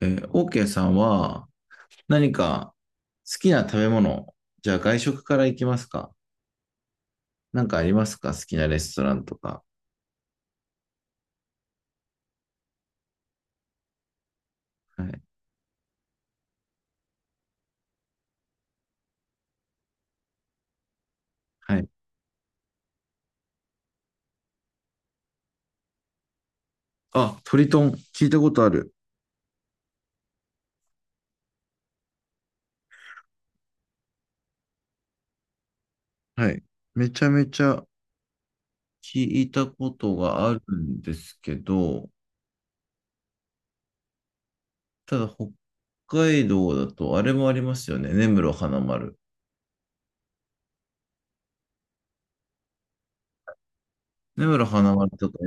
OK さんは何か好きな食べ物、じゃあ外食から行きますか？なんかありますか？好きなレストランとか。はい。はい。あ、トリトン聞いたことある。はい。めちゃめちゃ聞いたことがあるんですけど、ただ北海道だとあれもありますよね。根室花丸。根室花丸とか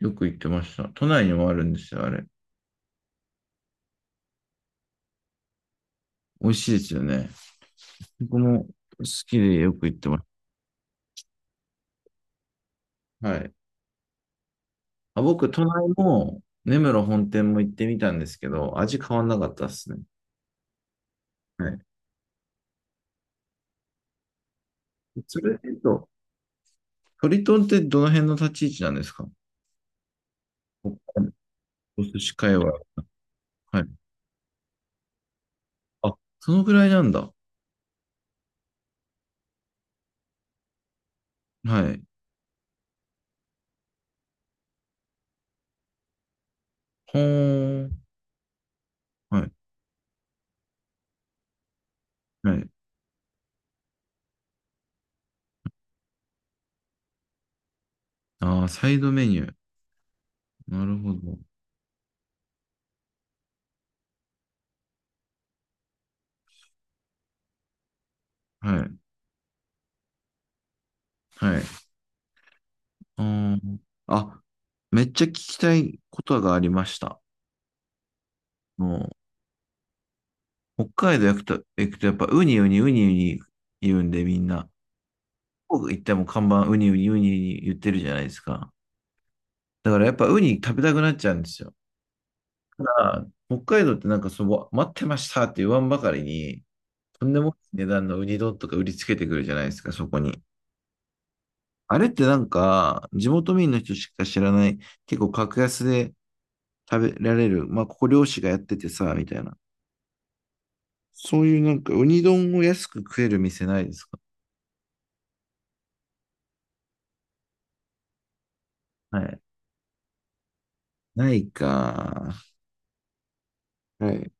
よく行ってました。都内にもあるんですよ、あれ。美味しいですよね。僕も好きでよく行ってます。はい。あ、僕、都内も根室本店も行ってみたんですけど、味変わんなかったですね。はい。それで言うと、トリトンってどの辺の立ち位置なんですか？おお寿司界隈。はい。あ、そのぐらいなんだ。はい。ほーん。はい。はい。ああ、サイドメニュー。なるほど。はい。はい。あーあ、めっちゃ聞きたいことがありました。もう、北海道行くとやっぱウニウニウニウニ言うんでみんな。僕行っても看板ウニウニウニ言ってるじゃないですか。だからやっぱウニ食べたくなっちゃうんですよ。ただ、北海道ってなんかその、待ってましたって言わんばかりに、とんでもない値段のウニ丼とか売りつけてくるじゃないですか、そこに。あれってなんか、地元民の人しか知らない、結構格安で食べられる、まあここ漁師がやっててさ、みたいな。そういうなんかウニ丼を安く食える店ないですか？はい。ないか。はい。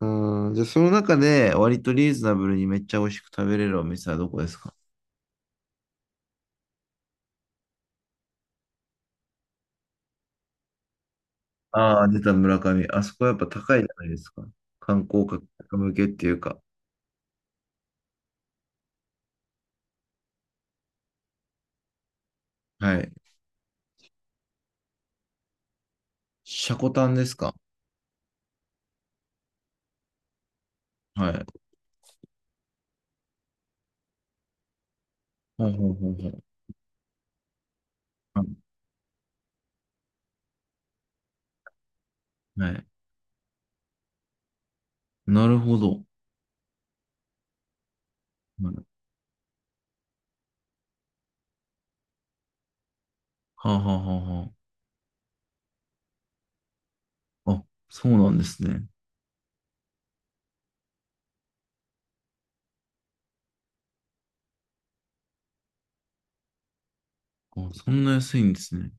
うん、じゃあその中で割とリーズナブルにめっちゃ美味しく食べれるお店はどこですか？ああー、出た村上。あそこやっぱ高いじゃないですか。観光客向けっていうか。はい。シャコタンですか？はい。ほうほうほうほう。はい。はい。なるほど。はい。はあ、はあはあはあ。あ、そうなんですね。あ、そんな安いんですね。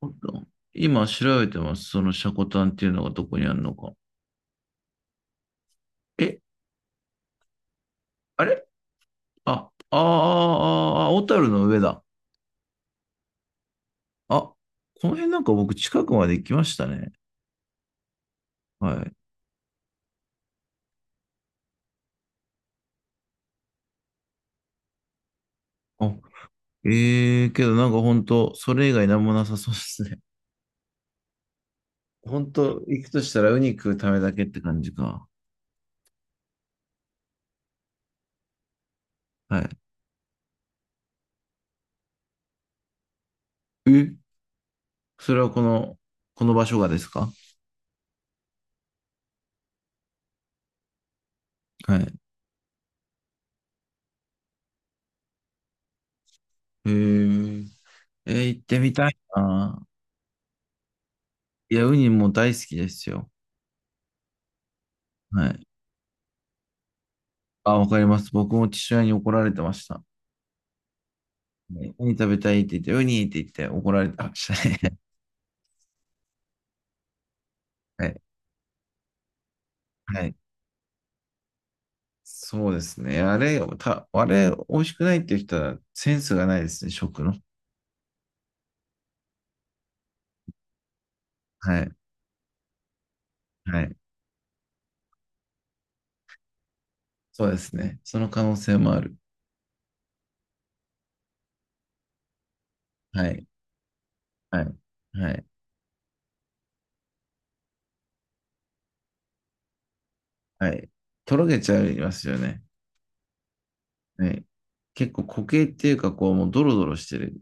あった。今調べてます。そのシャコタンっていうのがどこにあるのか。え、あれ、あ、あーあー、あーあー、小樽の上だ。あ、この辺なんか僕近くまで行きましたね。はい。あ、ええけどなんか本当それ以外なんもなさそうですね。本当行くとしたらウニ食うためだけって感じか。はい。え、それはこの場所がですか？はい。えー、行ってみたいな。いや、ウニも大好きですよ。はい。あ、わかります。僕も父親に怒られてました。はい。ウニ食べたいって言って、ウニって言って怒られてましたね。はい。はい。そうですね。あれ、た、あれ、美味しくないっていう人はセンスがないですね、食の。はい。はい。そうですね。その可能性もある。はい。はい。はい。はい。とろけちゃいますよね。はい。結構固形っていうか、こう、もうドロドロして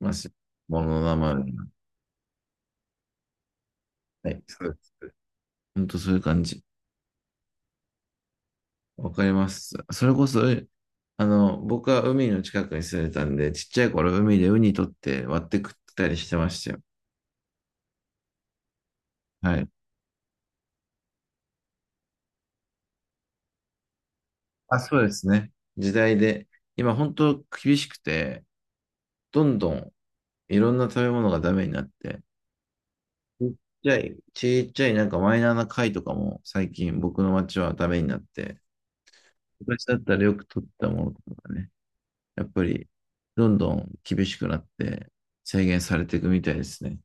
ますよ。ものの名前が。はい。そうです。本当そういう感じ。わかります。それこそ、あの、僕は海の近くに住んでたんで、ちっちゃい頃海でウニ取って割って食ったりしてましたよ。はい。あ、そうですね。時代で、今本当厳しくて、どんどんいろんな食べ物がダメになって、ちっちっちゃいなんかマイナーな貝とかも最近僕の町はダメになって、昔だったらよく取ったものとかがね、やっぱりどんどん厳しくなって制限されていくみたいですね。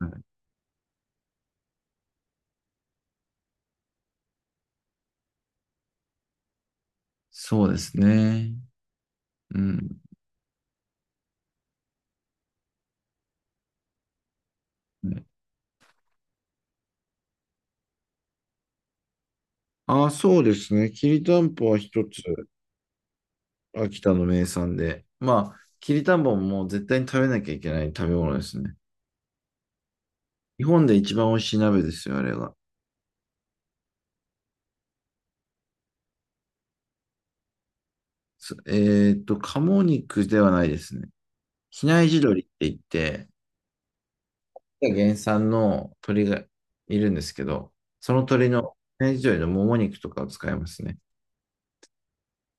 はい、そうですね。うん。ね。あ、そうですね。きりたんぽは一つ。秋田の名産で。まあ、きりたんぽももう絶対に食べなきゃいけない食べ物ですね。日本で一番美味しい鍋ですよ、あれが。すえーっと、鴨肉ではないですね。比内地鶏って言って、原産の鶏がいるんですけど、その鶏の、比内地鶏のもも肉とかを使いますね。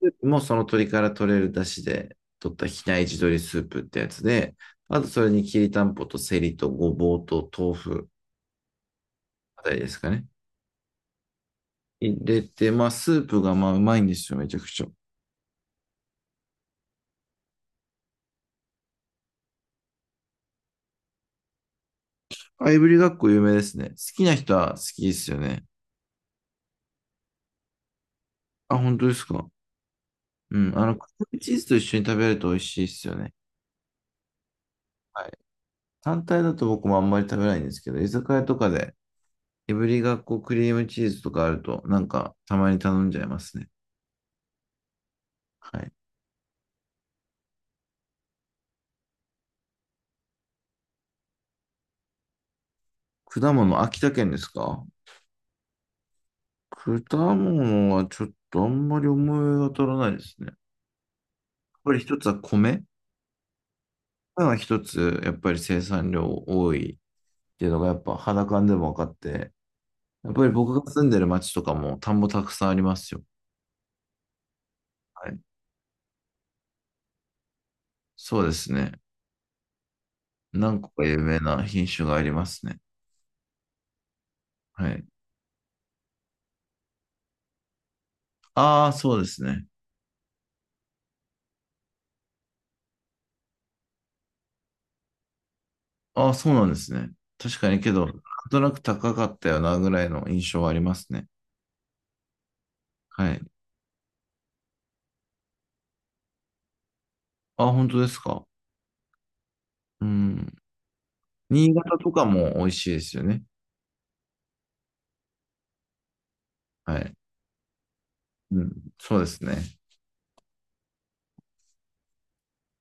スープもその鶏から取れる出汁で取った比内地鶏スープってやつで、あとそれにきりたんぽとセリとごぼうと豆腐あたりですかね。入れて、まあ、スープがまあ、うまいんですよ、めちゃくちゃ。あ、いぶりがっこ有名ですね。好きな人は好きですよね。あ、本当ですか。うん、あの、クリームチーズと一緒に食べると美味しいですよね。はい。単体だと僕もあんまり食べないんですけど、居酒屋とかで、いぶりがっこクリームチーズとかあると、なんか、たまに頼んじゃいますね。はい。果物、秋田県ですか？果物はちょっとあんまり思い当たらないですね。やっぱり一つは米。米は一つ、やっぱり生産量多いっていうのがやっぱ肌感でも分かって、やっぱり僕が住んでる町とかも田んぼたくさんありますよ。はい。そうですね。何個か有名な品種がありますね。はい。ああ、そうですね。ああ、そうなんですね。確かにけど、なんとなく高かったよなぐらいの印象はありますね。はい。ああ、本当ですか。うん。新潟とかも美味しいですよね。はい。うん。そうですね。